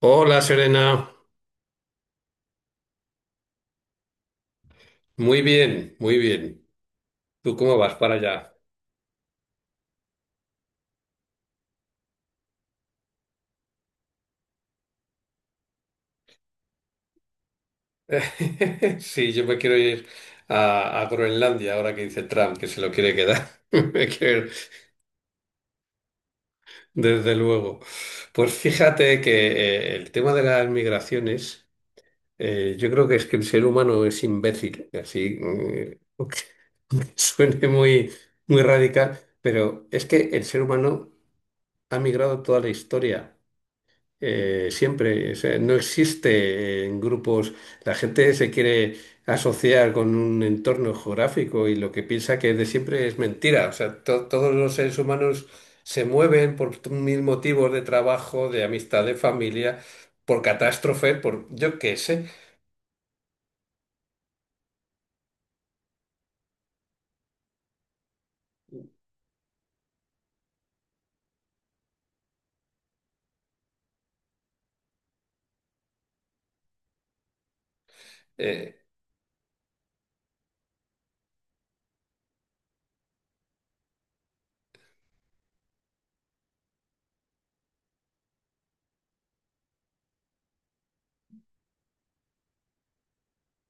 Hola Serena, muy bien, muy bien. ¿Tú cómo vas para allá? Sí, yo me quiero ir a Groenlandia ahora que dice Trump que se lo quiere quedar. Me quiero ir, desde luego. Pues fíjate que el tema de las migraciones, yo creo que es que el ser humano es imbécil, así aunque suene muy, muy radical, pero es que el ser humano ha migrado toda la historia. Siempre. O sea, no existe en grupos, la gente se quiere asociar con un entorno geográfico y lo que piensa que es de siempre es mentira. O sea, todos los seres humanos se mueven por mil motivos de trabajo, de amistad, de familia, por catástrofe, por yo qué sé. Eh,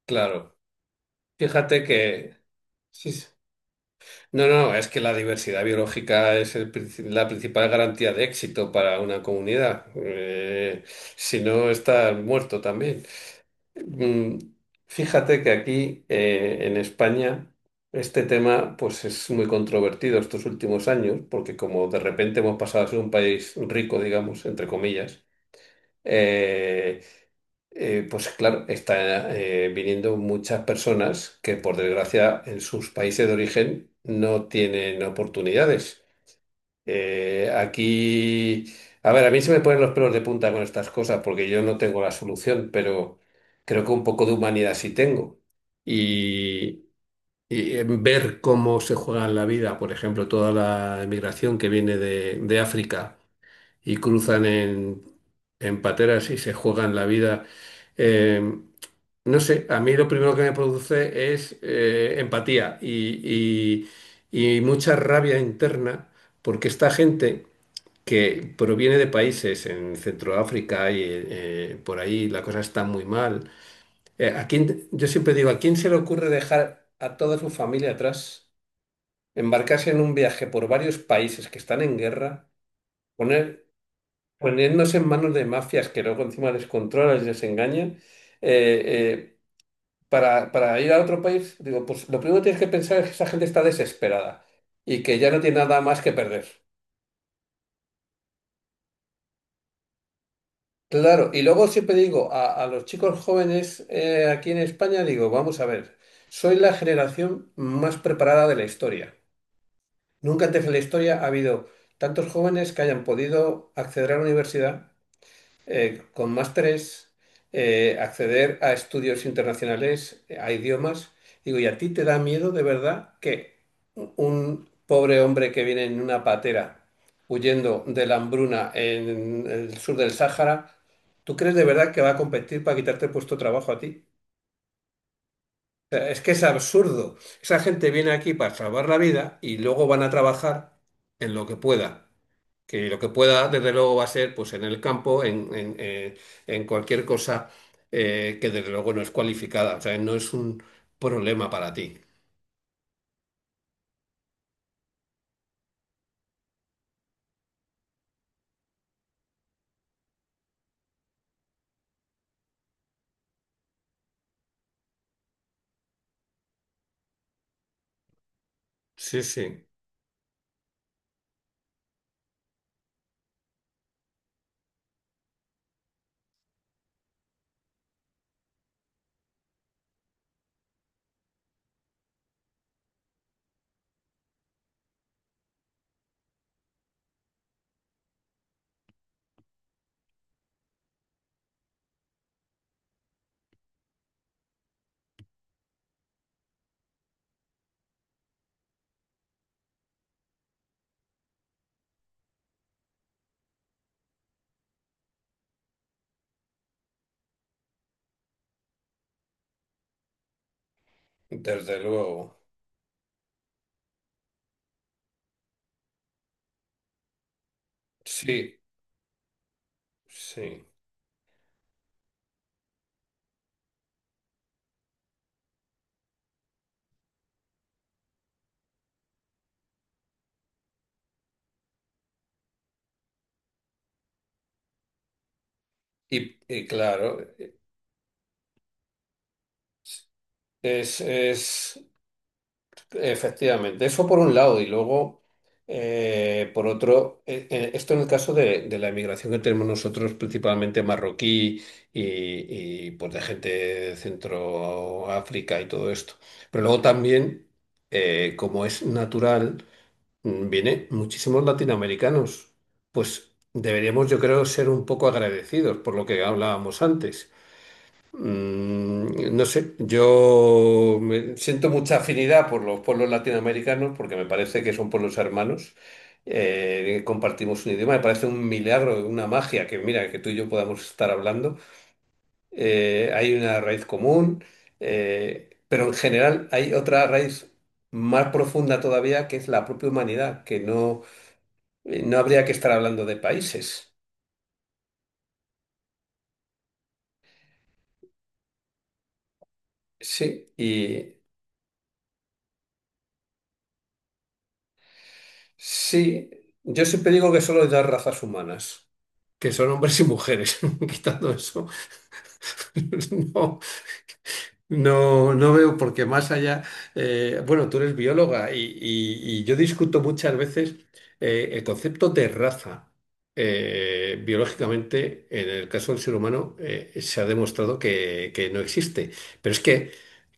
claro, fíjate que. Sí, sí. No, no, es que la diversidad biológica es el la principal garantía de éxito para una comunidad. Si no, estás muerto también. Mm, fíjate que aquí, en España, este tema pues es muy controvertido estos últimos años, porque como de repente hemos pasado a ser un país rico, digamos, entre comillas, eh, pues claro, está viniendo muchas personas que por desgracia en sus países de origen no tienen oportunidades. Aquí, a ver, a mí se me ponen los pelos de punta con estas cosas porque yo no tengo la solución, pero creo que un poco de humanidad sí tengo. Y, y ver cómo se juegan la vida, por ejemplo, toda la emigración que viene de África y cruzan en pateras y se juegan la vida. eh, no sé, a mí lo primero que me produce es empatía y mucha rabia interna, porque esta gente que proviene de países en Centroáfrica y por ahí la cosa está muy mal, yo siempre digo, ¿a quién se le ocurre dejar a toda su familia atrás, embarcarse en un viaje por varios países que están en guerra, poner, ponernos en manos de mafias que luego encima les controlan y les engañan? Eh, eh, para ir a otro país, digo, pues lo primero que tienes que pensar es que esa gente está desesperada y que ya no tiene nada más que perder. Claro, y luego siempre digo a los chicos jóvenes aquí en España, digo, vamos a ver, soy la generación más preparada de la historia. Nunca antes en la historia ha habido tantos jóvenes que hayan podido acceder a la universidad con másteres, acceder a estudios internacionales, a idiomas. Digo, ¿y a ti te da miedo de verdad que un pobre hombre que viene en una patera huyendo de la hambruna en el sur del Sáhara, ¿tú crees de verdad que va a competir para quitarte el puesto de trabajo a ti? Sea, es que es absurdo. Esa gente viene aquí para salvar la vida y luego van a trabajar en lo que pueda. Que lo que pueda, desde luego, va a ser pues en el campo, en cualquier cosa que desde luego no es cualificada. O sea, no es un problema para ti. Sí, sí, desde luego. Sí, sí. Y claro, es efectivamente, eso por un lado y luego, por otro, esto en el caso de la emigración que tenemos nosotros, principalmente marroquí y, pues de gente de Centro África y todo esto. Pero luego también, como es natural, viene muchísimos latinoamericanos. Pues deberíamos, yo creo, ser un poco agradecidos por lo que hablábamos antes. No sé, siento mucha afinidad por los pueblos latinoamericanos porque me parece que son pueblos hermanos, compartimos un idioma, me parece un milagro, una magia que mira, que tú y yo podamos estar hablando. Hay una raíz común, pero en general hay otra raíz más profunda todavía que es la propia humanidad, que no, no habría que estar hablando de países. Sí, y. Sí, yo siempre digo que solo hay dos razas humanas, que son hombres y mujeres, quitando eso. No. No, no veo porque más allá, bueno, tú eres bióloga y, y yo discuto muchas veces el concepto de raza. Biológicamente, en el caso del ser humano, se ha demostrado que, no existe. Pero es que,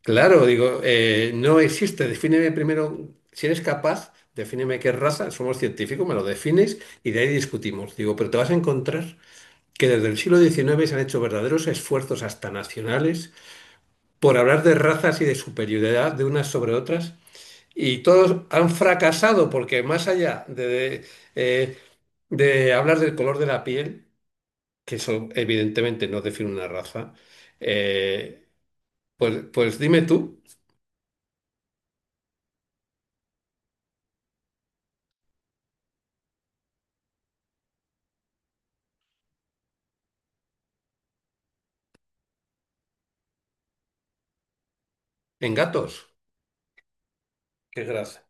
claro, digo, no existe. Defíneme primero, si eres capaz, defíneme qué raza, somos científicos, me lo defines y de ahí discutimos. Digo, pero te vas a encontrar que desde el siglo XIX se han hecho verdaderos esfuerzos hasta nacionales por hablar de razas y de superioridad de unas sobre otras. Y todos han fracasado porque más allá de, eh, de hablar del color de la piel, que eso evidentemente no define una raza, eh, pues, dime tú, en gatos, qué gracia.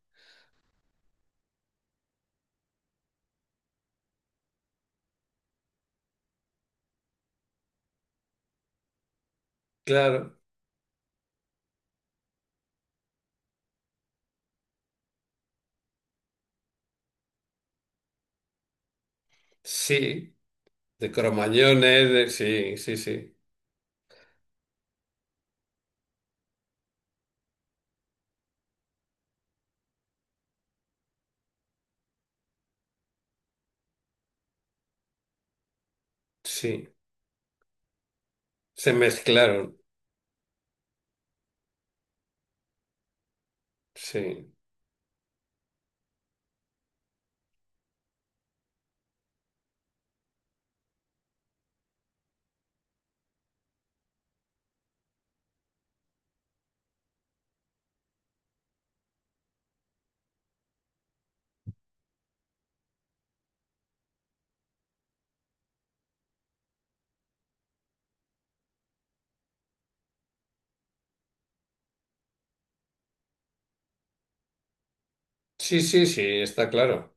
Claro, sí, de cromañones, sí, sí, sí, sí, se mezclaron, sí, sí, sí, sí, está claro.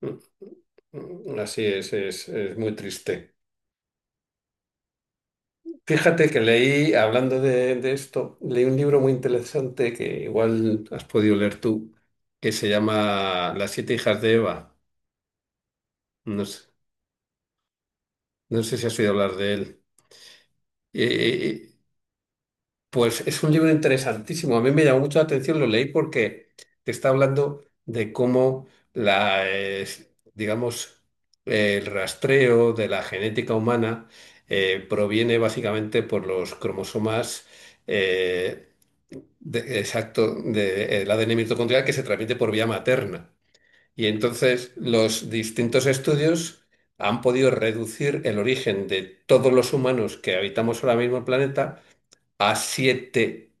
Mm, Así es, muy triste. Fíjate que leí, hablando de esto, leí un libro muy interesante que igual has podido leer tú, que se llama Las siete hijas de Eva. No sé, si has oído hablar de él. Eh, eh, eh, Pues es un libro interesantísimo. A mí me llamó mucho la atención, lo leí porque te está hablando de cómo la, eh, digamos, el rastreo de la genética humana proviene básicamente por los cromosomas eh, exacto del ADN mitocondrial que se transmite por vía materna. Y entonces los distintos estudios han podido reducir el origen de todos los humanos que habitamos ahora mismo el planeta a siete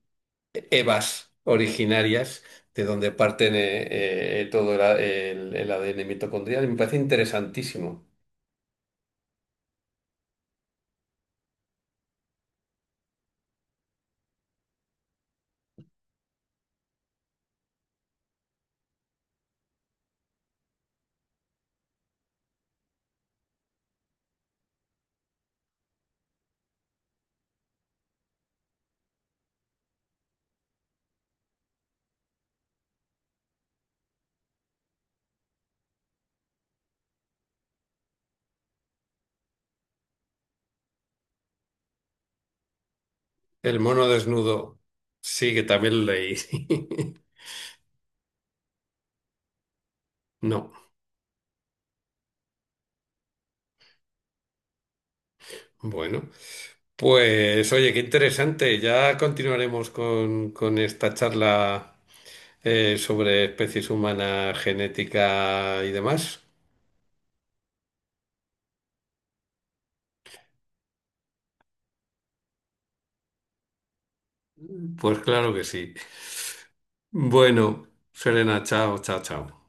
evas originarias de donde parten todo el, a- el- el ADN mitocondrial. Y me parece interesantísimo. El mono desnudo, sí, que también lo leí. No, bueno. Pues oye, qué interesante. Ya continuaremos con esta charla sobre especies humanas, genética y demás. Pues claro que sí. Bueno, Serena, chao, chao, chao.